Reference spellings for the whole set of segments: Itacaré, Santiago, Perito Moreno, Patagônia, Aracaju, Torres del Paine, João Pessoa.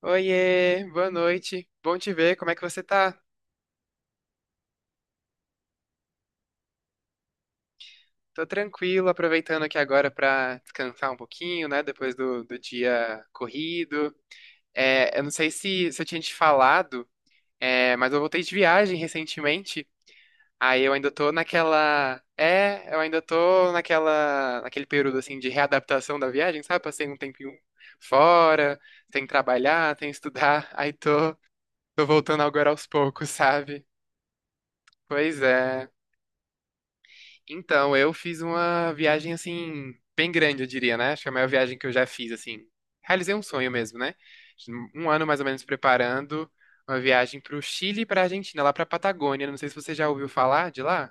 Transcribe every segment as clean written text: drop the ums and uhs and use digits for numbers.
Oiê, boa noite. Bom te ver, como é que você tá? Tô tranquilo, aproveitando aqui agora pra descansar um pouquinho, né? Depois do dia corrido. É, eu não sei se eu tinha te falado, mas eu voltei de viagem recentemente. Aí eu ainda tô naquela. Eu ainda tô naquele período assim de readaptação da viagem, sabe? Passei um tempinho fora, tem que trabalhar, tem que estudar. Tô voltando agora aos poucos, sabe? Pois é. Então, eu fiz uma viagem assim, bem grande, eu diria, né? Acho que a maior viagem que eu já fiz, assim. Realizei um sonho mesmo, né? Um ano mais ou menos preparando uma viagem pro Chile e pra Argentina, lá pra Patagônia. Não sei se você já ouviu falar de lá.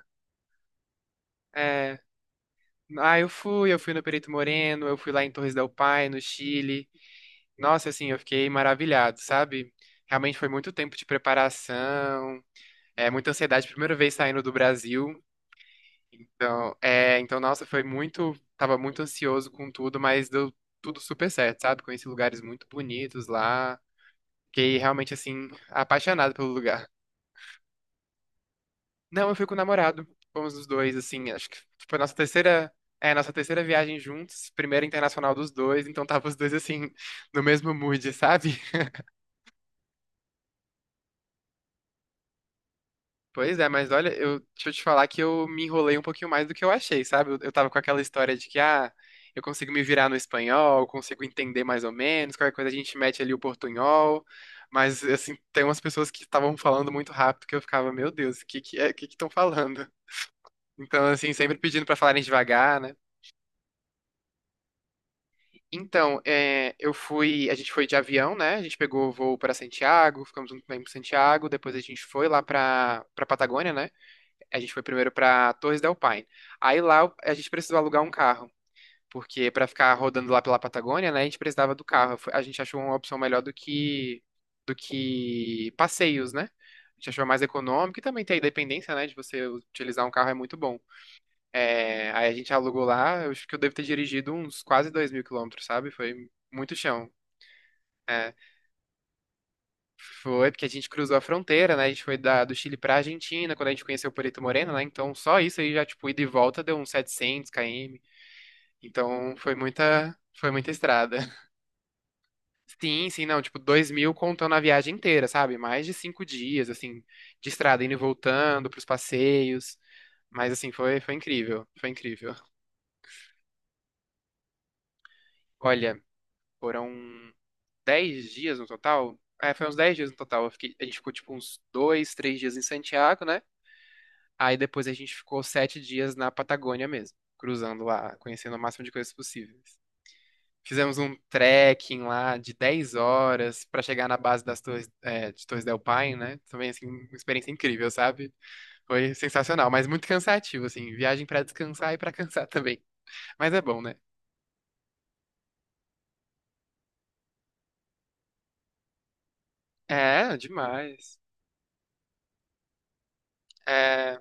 É. Ah, eu fui no Perito Moreno, eu fui lá em Torres del Paine, no Chile. Nossa, assim, eu fiquei maravilhado, sabe? Realmente foi muito tempo de preparação, muita ansiedade, primeira vez saindo do Brasil. Então, nossa, tava muito ansioso com tudo, mas deu tudo super certo, sabe? Conheci lugares muito bonitos lá, fiquei realmente, assim, apaixonado pelo lugar. Não, eu fui com o namorado, fomos os dois, assim, acho que foi a nossa terceira, é, nossa terceira viagem juntos, primeira internacional dos dois, então tava os dois, assim, no mesmo mood, sabe? Pois é, mas olha, deixa eu te falar que eu me enrolei um pouquinho mais do que eu achei, sabe? Eu tava com aquela história de que, eu consigo me virar no espanhol, consigo entender mais ou menos, qualquer coisa a gente mete ali o portunhol, mas, assim, tem umas pessoas que estavam falando muito rápido que eu ficava, meu Deus, o que que estão falando? Então, assim, sempre pedindo pra falarem devagar, né? Então, a gente foi de avião, né? A gente pegou o voo pra Santiago, ficamos um tempo em Santiago, depois a gente foi lá pra para Patagônia, né? A gente foi primeiro pra Torres del Paine. Aí lá a gente precisou alugar um carro, porque pra ficar rodando lá pela Patagônia, né, a gente precisava do carro. A gente achou uma opção melhor do que passeios, né? A gente achou mais econômico e também tem a independência, né, de você utilizar um carro é muito bom. É, aí a gente alugou lá, eu acho que eu devo ter dirigido uns quase 2.000 quilômetros, sabe? Foi muito chão. É. Foi, porque a gente cruzou a fronteira, né? A gente foi do Chile pra Argentina, quando a gente conheceu Perito Moreno, né? Então, só isso aí já, tipo, ida e volta deu uns 700 km. Então, foi muita estrada. Sim, sim, não, tipo, 2.000 contando a viagem inteira, sabe? Mais de 5 dias, assim, de estrada, indo e voltando, pros passeios. Mas, assim, foi incrível, foi incrível. Olha, foram 10 dias no total. Foi uns 10 dias no total. A gente ficou, tipo, uns 2, 3 dias em Santiago, né? Aí depois a gente ficou 7 dias na Patagônia mesmo, cruzando lá, conhecendo o máximo de coisas possíveis. Fizemos um trekking lá de 10 horas pra chegar na base das Torres, de Torres del Paine, né? Também, assim, uma experiência incrível, sabe? Foi sensacional, mas muito cansativo, assim. Viagem pra descansar e pra cansar também. Mas é bom, né? É, demais. É,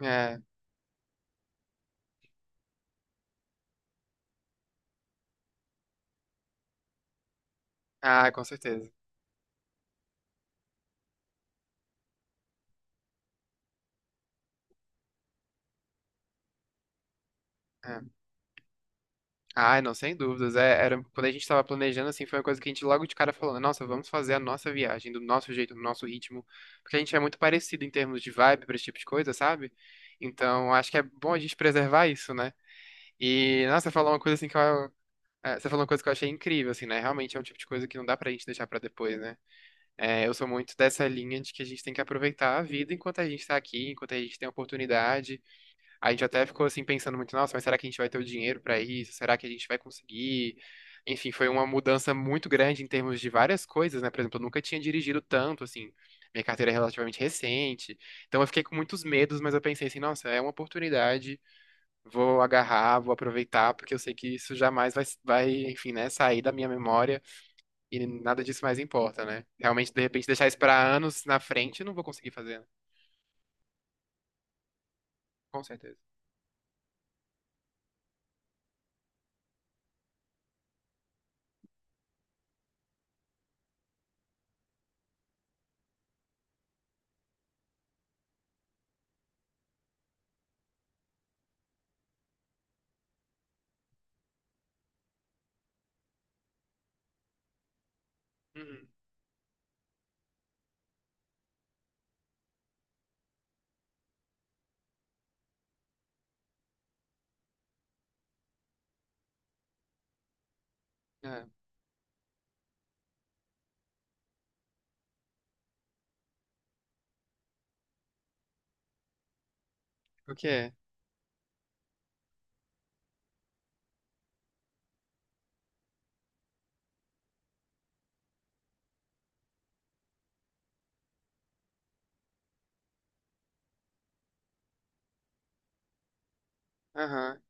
é. Ah, com certeza. É. Ah, não, sem dúvidas. Quando a gente estava planejando, assim, foi uma coisa que a gente logo de cara falou, nossa, vamos fazer a nossa viagem, do nosso jeito, do nosso ritmo, porque a gente é muito parecido em termos de vibe para esse tipo de coisa, sabe? Então, acho que é bom a gente preservar isso, né? E, nossa, você falou uma coisa assim você falou uma coisa que eu achei incrível, assim, né? Realmente é um tipo de coisa que não dá pra gente deixar pra depois, né? É, eu sou muito dessa linha de que a gente tem que aproveitar a vida enquanto a gente tá aqui, enquanto a gente tem a oportunidade. A gente até ficou assim pensando muito, nossa, mas será que a gente vai ter o dinheiro para isso? Será que a gente vai conseguir? Enfim, foi uma mudança muito grande em termos de várias coisas, né? Por exemplo, eu nunca tinha dirigido tanto, assim. Minha carteira é relativamente recente. Então eu fiquei com muitos medos, mas eu pensei assim, nossa, é uma oportunidade, vou agarrar, vou aproveitar, porque eu sei que isso jamais enfim, né, sair da minha memória e nada disso mais importa, né? Realmente, de repente, deixar isso para anos na frente, eu não vou conseguir fazer, né? Com certeza. Uhum. É. O que é? Aham.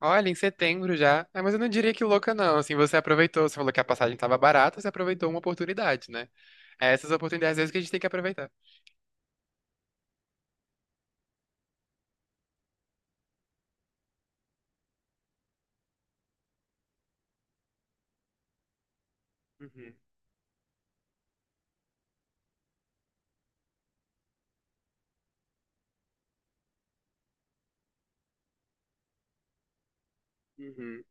Olha, em setembro já. Ah, mas eu não diria que louca, não. Assim, você aproveitou, você falou que a passagem estava barata, você aproveitou uma oportunidade, né? É essas oportunidades às vezes que a gente tem que aproveitar. Uhum, uhum.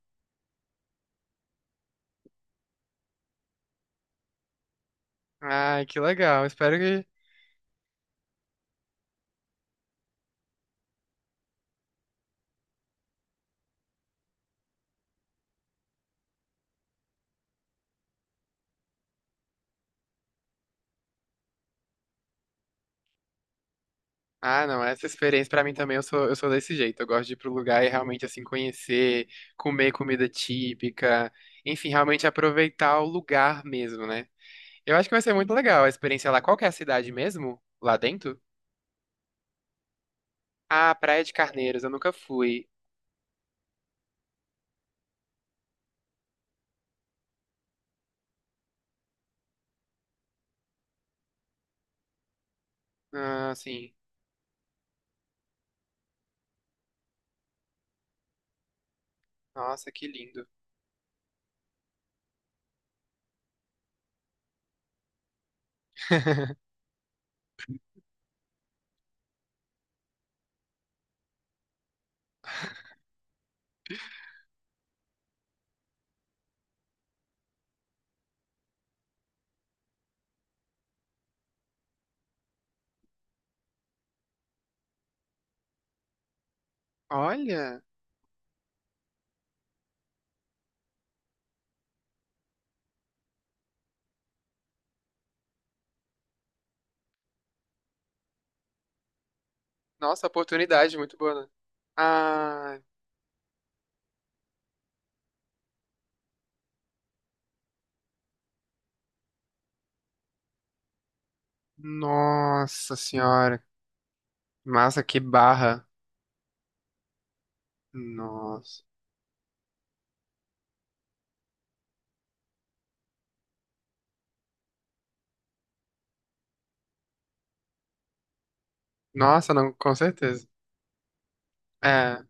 Ai, que legal. Espero que. Ah, não, essa experiência pra mim também, eu sou desse jeito. Eu gosto de ir pro lugar e realmente, assim, conhecer, comer comida típica, enfim, realmente aproveitar o lugar mesmo, né? Eu acho que vai ser muito legal a experiência lá. Qual que é a cidade mesmo? Lá dentro? Ah, Praia de Carneiros, eu nunca fui. Ah, sim. Nossa, que lindo. Olha, nossa, oportunidade muito boa, né? Ah, nossa senhora. Massa, que barra. Nossa. Nossa, não, com certeza. É.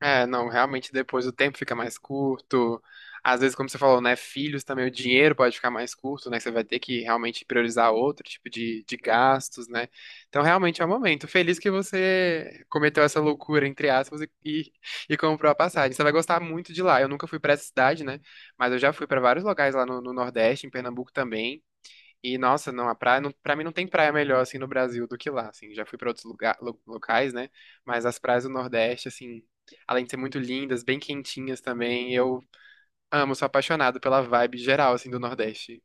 É, não, realmente depois o tempo fica mais curto. Às vezes, como você falou, né, filhos também, o dinheiro pode ficar mais curto, né? que Você vai ter que realmente priorizar outro tipo de gastos, né? Então, realmente é um momento. Feliz que você cometeu essa loucura, entre aspas, e comprou a passagem. Você vai gostar muito de lá. Eu nunca fui pra essa cidade, né? Mas eu já fui pra vários locais lá no Nordeste, em Pernambuco também. E nossa, não, a praia, não, pra mim não tem praia melhor assim no Brasil do que lá, assim. Já fui pra outros locais, né? Mas as praias do Nordeste, assim, além de ser muito lindas, bem quentinhas também, eu amo, sou apaixonado pela vibe geral assim do Nordeste.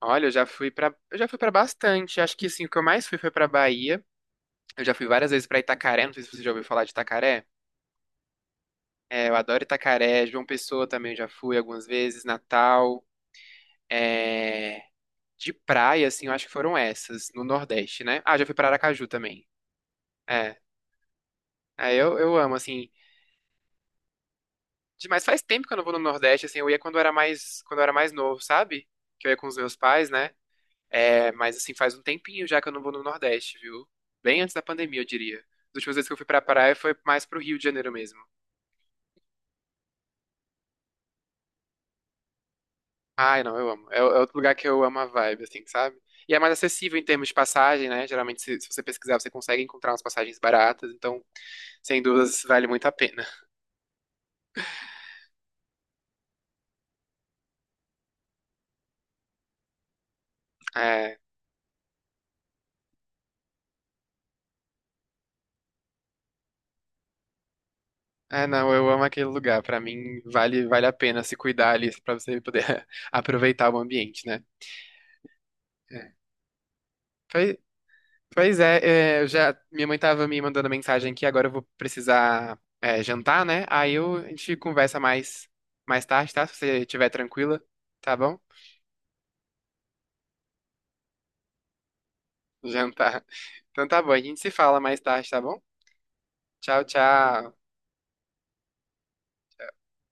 Olha, eu já fui pra bastante. Acho que assim, o que eu mais fui foi pra Bahia. Eu já fui várias vezes pra Itacaré, não sei se você já ouviu falar de Itacaré. É, eu adoro Itacaré, João Pessoa também eu já fui algumas vezes, Natal. é, De praia, assim, eu acho que foram essas, no Nordeste, né? Ah, já fui pra Aracaju também. É. É, eu amo, assim. Mas faz tempo que eu não vou no Nordeste, assim, eu ia quando eu era mais novo, sabe? Que eu ia com os meus pais, né? É, mas assim, faz um tempinho já que eu não vou no Nordeste, viu? Bem antes da pandemia, eu diria. As últimas vezes que eu fui pra praia foi mais pro Rio de Janeiro mesmo. Ai, não, eu amo. É, é outro lugar que eu amo a vibe, assim, sabe? E é mais acessível em termos de passagem, né? Geralmente, se você pesquisar, você consegue encontrar umas passagens baratas, então, sem dúvidas, vale muito a pena. É, é, não, eu amo aquele lugar. Pra mim, vale a pena se cuidar ali pra você poder aproveitar o ambiente, né? É. Pois, pois é, é, eu já, minha mãe tava me mandando mensagem aqui, agora eu vou precisar, jantar, né? Aí a gente conversa mais tarde, tá? Se você estiver tranquila, tá bom? Jantar. Então tá bom, a gente se fala mais tarde, tá bom? Tchau, tchau.